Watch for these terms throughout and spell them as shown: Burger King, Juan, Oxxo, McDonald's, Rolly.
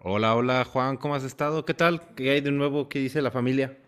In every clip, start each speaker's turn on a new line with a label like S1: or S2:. S1: Hola, hola Juan, ¿cómo has estado? ¿Qué tal? ¿Qué hay de nuevo? ¿Qué dice la familia?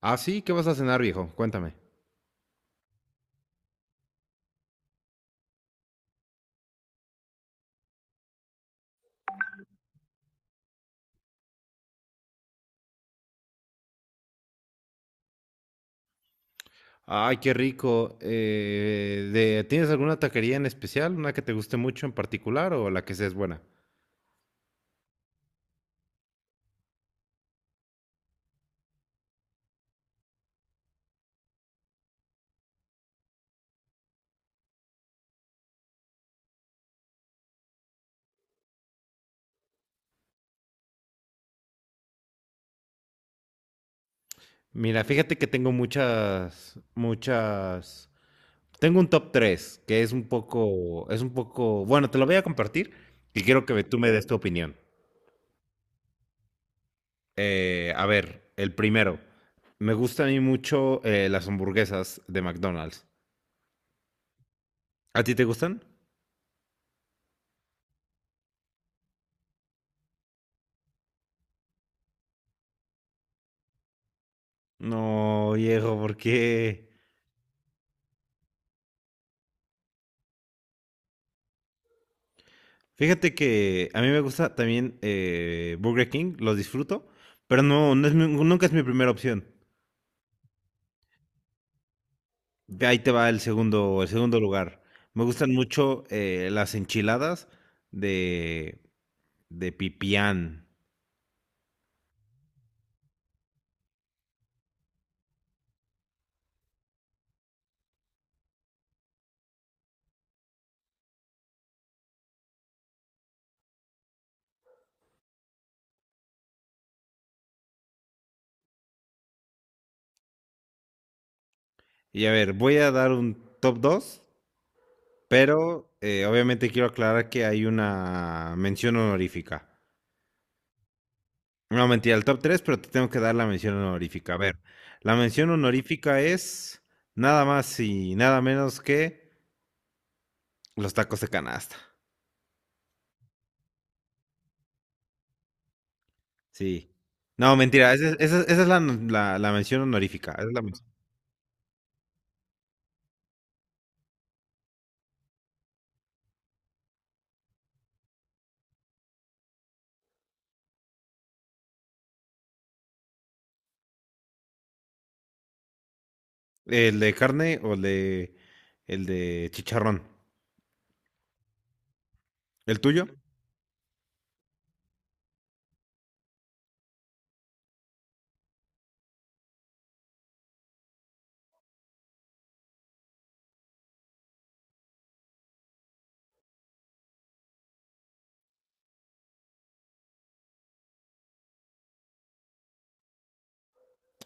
S1: Ah, sí, ¿qué vas a cenar, viejo? Cuéntame. Ay, qué rico. ¿Tienes alguna taquería en especial? ¿Una que te guste mucho en particular o la que seas buena? Mira, fíjate que tengo muchas, muchas. Tengo un top 3 que es un poco. Bueno, te lo voy a compartir y quiero que tú me des tu opinión. A ver, el primero. Me gustan a mí mucho las hamburguesas de McDonald's. ¿A ti te gustan? No, viejo, ¿por qué? Fíjate que a mí me gusta también Burger King, los disfruto, pero no, no nunca es mi primera opción. Ve, ahí te va el segundo lugar. Me gustan mucho las enchiladas de, de pipián. Y a ver, voy a dar un top 2, pero obviamente quiero aclarar que hay una mención honorífica. No, mentira, el top 3, pero te tengo que dar la mención honorífica. A ver, la mención honorífica es nada más y nada menos que los tacos de canasta. Sí. No, mentira, esa, es esa es- esa es la, la- la mención honorífica. Esa es la mención. ¿El de carne o el de chicharrón? ¿El tuyo?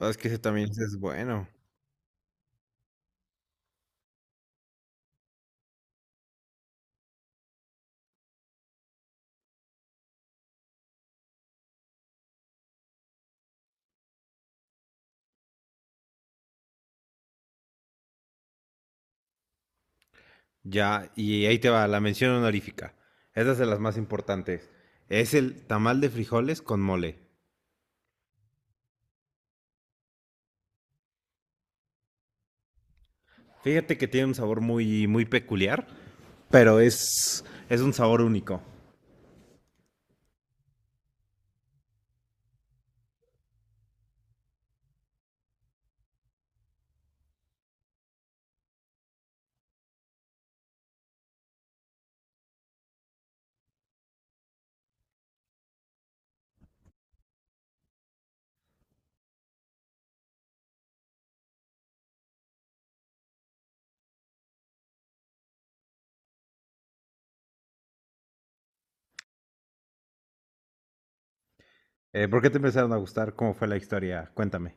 S1: Ah, es que ese también es bueno. Ya, y ahí te va, la mención honorífica. Esa es de las más importantes. Es el tamal de frijoles con mole. Fíjate que tiene un sabor muy, muy peculiar. Pero es un sabor único. ¿Por qué te empezaron a gustar? ¿Cómo fue la historia? Cuéntame.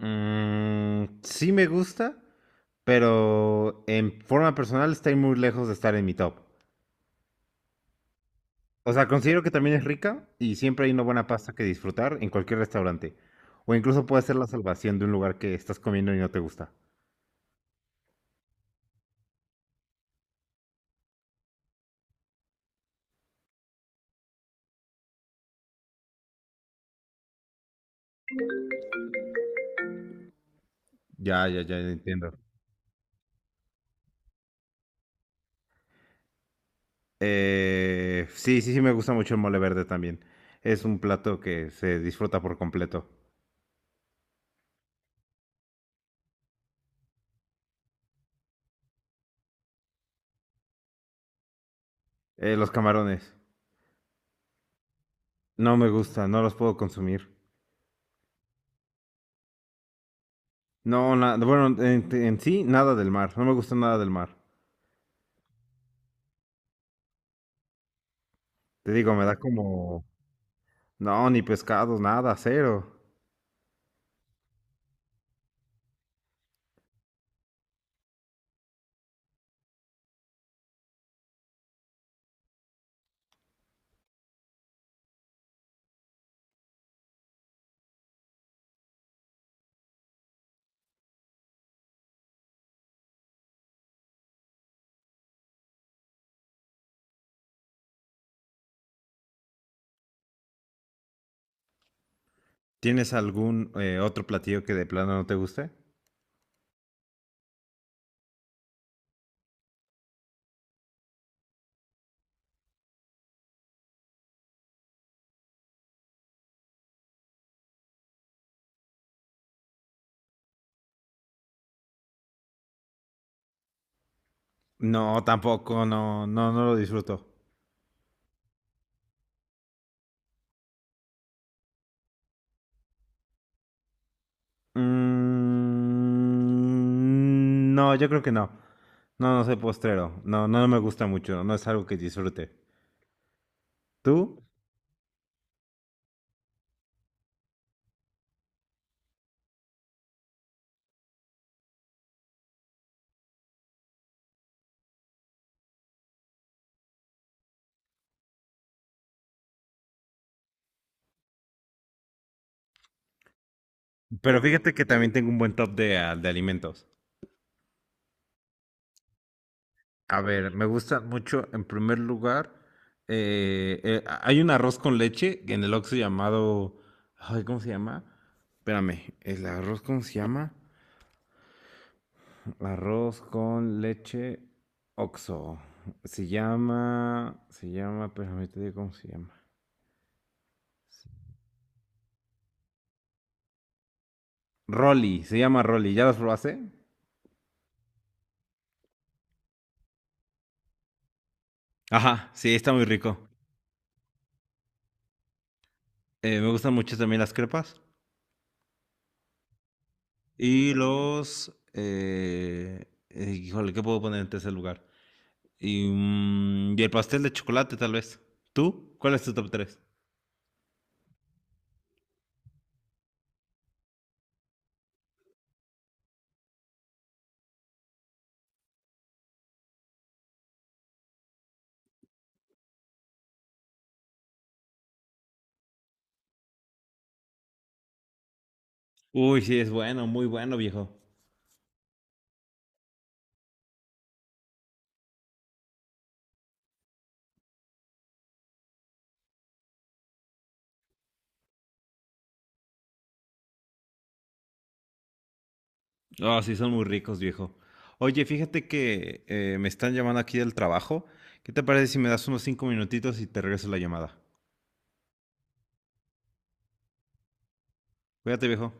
S1: Sí me gusta, pero en forma personal está muy lejos de estar en mi top. O sea, considero que también es rica y siempre hay una buena pasta que disfrutar en cualquier restaurante. O incluso puede ser la salvación de un lugar que estás comiendo y no te gusta. Ya, ya, ya entiendo. Sí, sí, sí me gusta mucho el mole verde también. Es un plato que se disfruta por completo. Los camarones. No me gusta, no los puedo consumir. No, bueno, en sí, nada del mar. No me gusta nada del mar. Te digo, me da como... No, ni pescados, nada, cero. ¿Tienes algún otro platillo que de plano no te guste? No, tampoco, no, no, no lo disfruto. Mm, no, yo creo que no. No, no soy postrero. No, no me gusta mucho. No es algo que disfrute. ¿Tú? Pero fíjate que también tengo un buen top de alimentos. A ver, me gusta mucho, en primer lugar, hay un arroz con leche en el Oxxo llamado, ay, ¿cómo se llama? Espérame, ¿el arroz cómo se llama? Arroz con leche Oxxo. Se llama, espérame, te digo cómo se llama. Rolly, se llama Rolly, ¿ya las probaste? Ajá, sí, está muy rico. Me gustan mucho también las crepas. Y híjole, ¿qué puedo poner en tercer lugar? Y el pastel de chocolate, tal vez. ¿Tú? ¿Cuál es tu top tres? Uy, sí, es bueno, muy bueno, viejo. Ah, sí, son muy ricos, viejo. Oye, fíjate que me están llamando aquí del trabajo. ¿Qué te parece si me das unos 5 minutitos y te regreso la llamada? Cuídate, viejo.